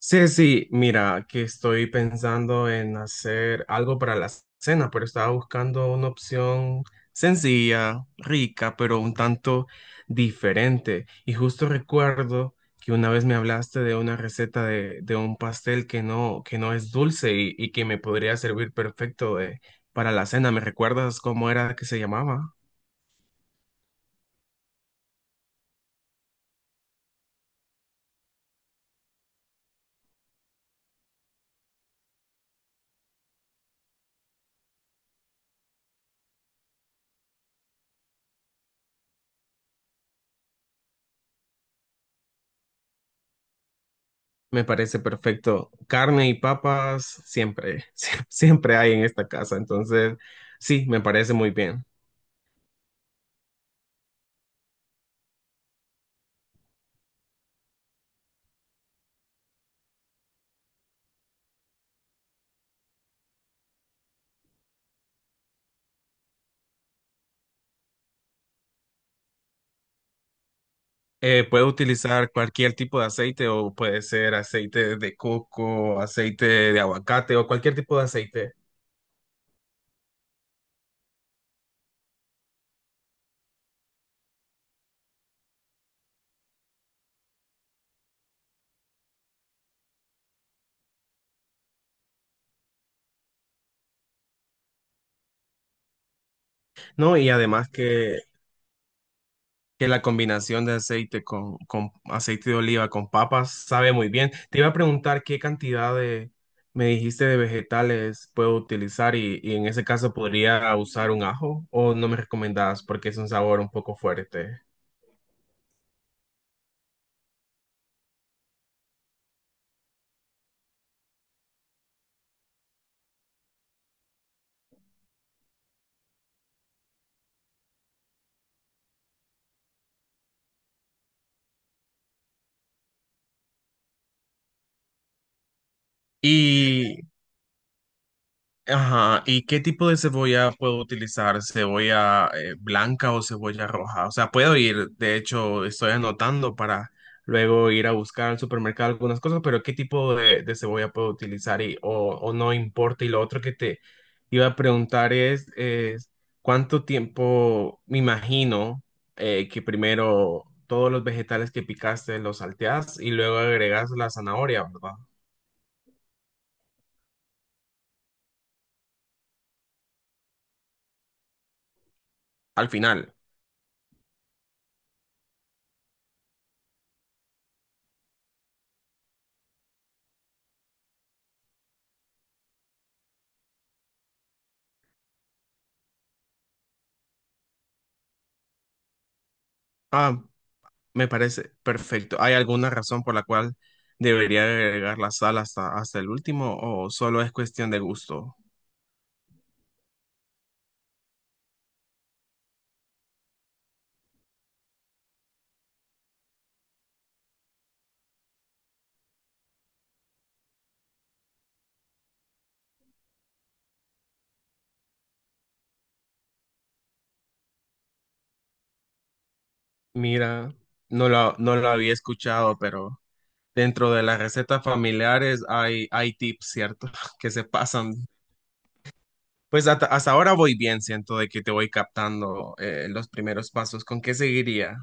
Sí, sí, mira, que estoy pensando en hacer algo para la cena, pero estaba buscando una opción sencilla, rica, pero un tanto diferente. Y justo recuerdo que una vez me hablaste de una receta de un pastel que no es dulce y que me podría servir perfecto de- para la cena. ¿Me recuerdas cómo era que se llamaba? Me parece perfecto. Carne y papas siempre, sie- siempre hay en esta casa. Entonces, sí, me parece muy bien. Puedo utilizar cualquier tipo de aceite o puede ser aceite de coco, aceite de aguacate o cualquier tipo de aceite. No, y además que la combinación de aceite con aceite de oliva con papas sabe muy bien. Te iba a preguntar qué cantidad de, me dijiste, de vegetales puedo utilizar y en ese caso podría usar un ajo o no me recomendabas porque es un sabor un poco fuerte. Y ajá, ¿y qué tipo de cebolla puedo utilizar? ¿Cebolla blanca o cebolla roja? O sea, puedo ir, de hecho, estoy anotando para luego ir a buscar al supermercado algunas cosas, pero ¿qué tipo de cebolla puedo utilizar y, o no importa? Y lo otro que te iba a preguntar es ¿cuánto tiempo, me imagino, que primero todos los vegetales que picaste los salteas y luego agregas la zanahoria, ¿verdad? Al final. Ah, me parece perfecto. ¿Hay alguna razón por la cual debería agregar la sal hasta, hasta el último o solo es cuestión de gusto? Mira, no lo, no lo había escuchado, pero dentro de las recetas familiares hay, hay tips, ¿cierto? Que se pasan. Pues hasta, hasta ahora voy bien, siento de que te voy captando los primeros pasos. ¿Con qué seguiría?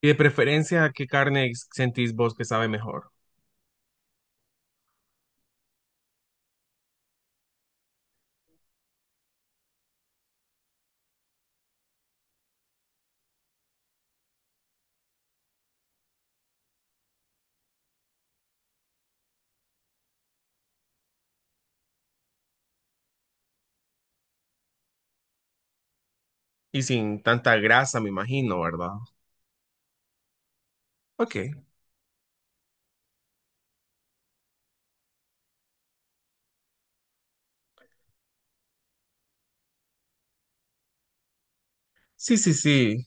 Y de preferencia, ¿qué carne sentís vos que sabe mejor? Y sin tanta grasa, me imagino, ¿verdad? Ok. Sí, sí, sí.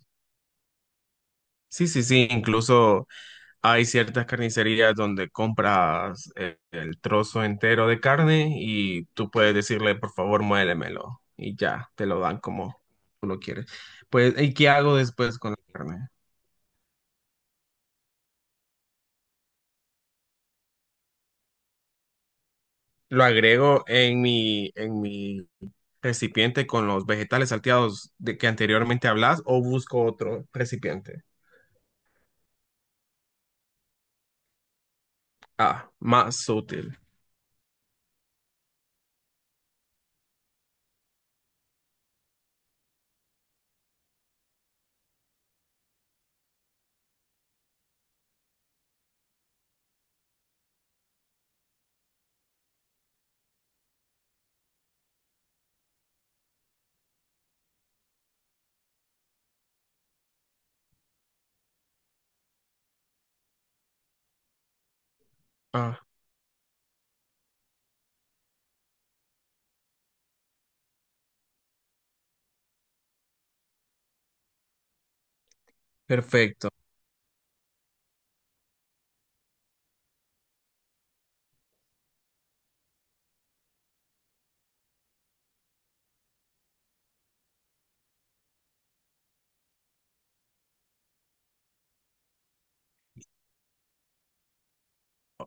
Sí, sí, sí. Incluso hay ciertas carnicerías donde compras el trozo entero de carne y tú puedes decirle, por favor, muélemelo. Y ya, te lo dan como tú lo quieres. Pues, ¿y qué hago después con la carne? Lo agrego en mi recipiente con los vegetales salteados de que anteriormente hablas o busco otro recipiente. Ah, más útil. Ah, perfecto.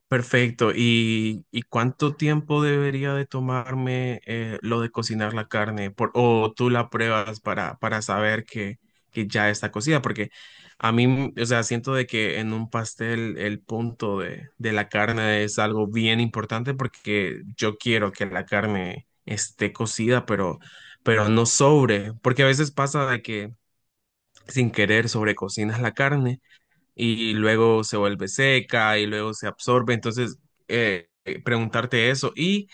Perfecto. Y cuánto tiempo debería de tomarme lo de cocinar la carne? Por- o tú la pruebas para saber que ya está cocida, porque a mí, o sea, siento de que en un pastel el punto de la carne es algo bien importante porque yo quiero que la carne esté cocida, pero no sobre, porque a veces pasa de que sin querer sobrecocinas la carne y luego se vuelve seca y luego se absorbe. Entonces, preguntarte eso. Y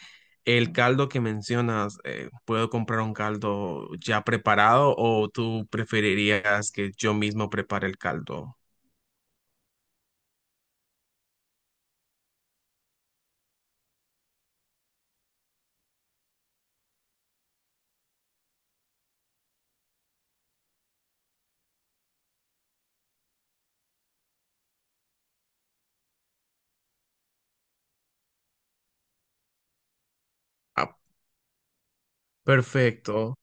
el caldo que mencionas, ¿puedo comprar un caldo ya preparado o tú preferirías que yo mismo prepare el caldo? Ah, perfecto.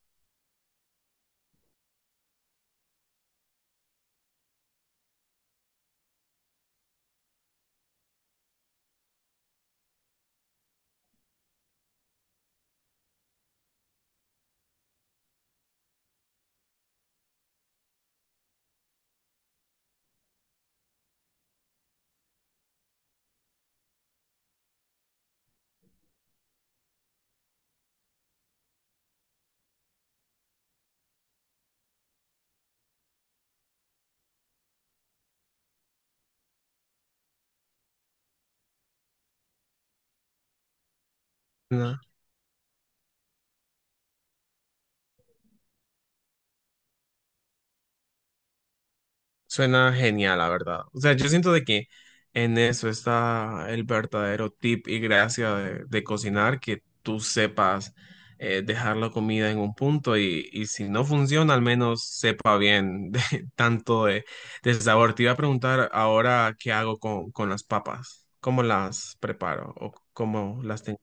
Suena genial, la verdad. O sea, yo siento de que en eso está el verdadero tip y gracia de cocinar, que tú sepas dejar la comida en un punto y si no funciona, al menos sepa bien de, tanto de, del sabor. Te iba a preguntar ahora qué hago con las papas, cómo las preparo o cómo las tengo.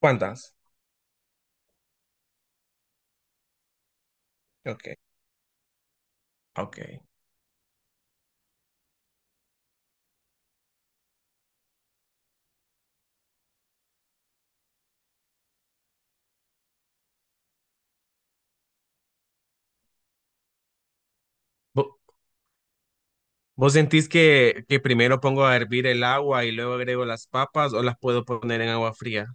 ¿Cuántas? Ok, ok. ¿Vos sentís que primero pongo a hervir el agua y luego agrego las papas o las puedo poner en agua fría?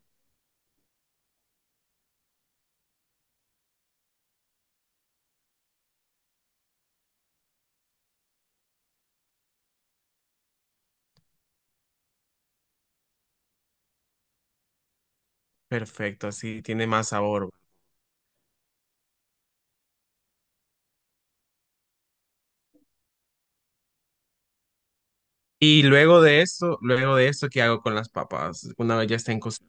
Perfecto, así tiene más sabor. Y luego de esto, ¿qué hago con las papas? Una vez ya estén cocidas.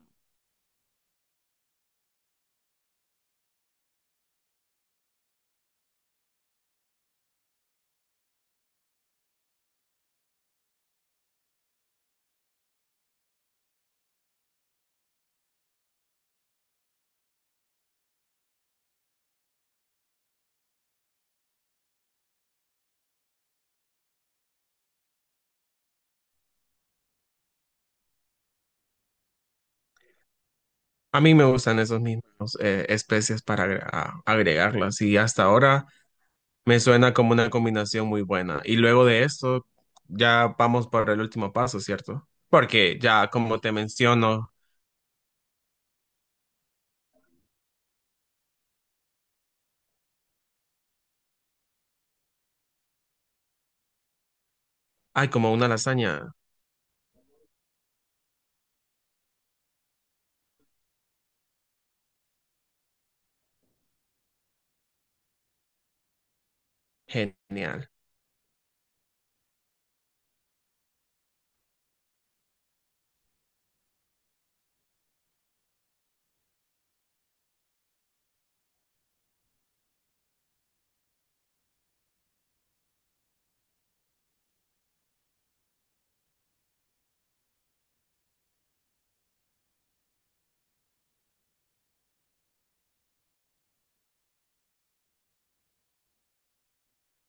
A mí me gustan esos mismos especias para agre- a- agregarlas y hasta ahora me suena como una combinación muy buena. Y luego de esto, ya vamos por el último paso, ¿cierto? Porque ya, como te menciono, hay como una lasaña genial,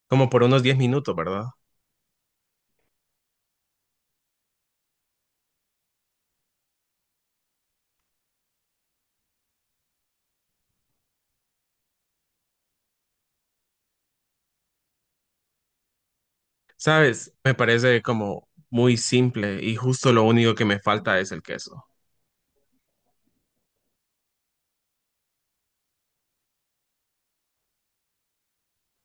como por unos 10 minutos, ¿verdad? Sabes, me parece como muy simple y justo lo único que me falta es el queso.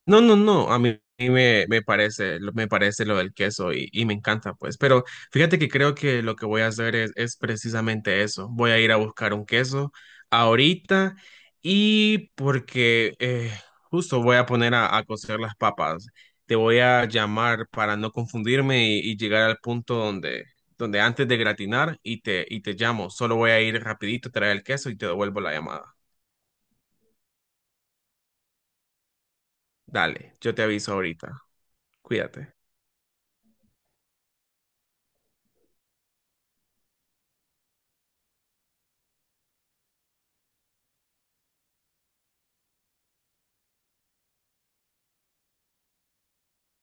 No, no, no, a mí me, me parece lo del queso y me encanta, pues, pero fíjate que creo que lo que voy a hacer es precisamente eso, voy a ir a buscar un queso ahorita y porque justo voy a poner a cocer las papas, te voy a llamar para no confundirme y llegar al punto donde, donde antes de gratinar y te llamo, solo voy a ir rapidito a traer el queso y te devuelvo la llamada. Dale, yo te aviso ahorita, cuídate.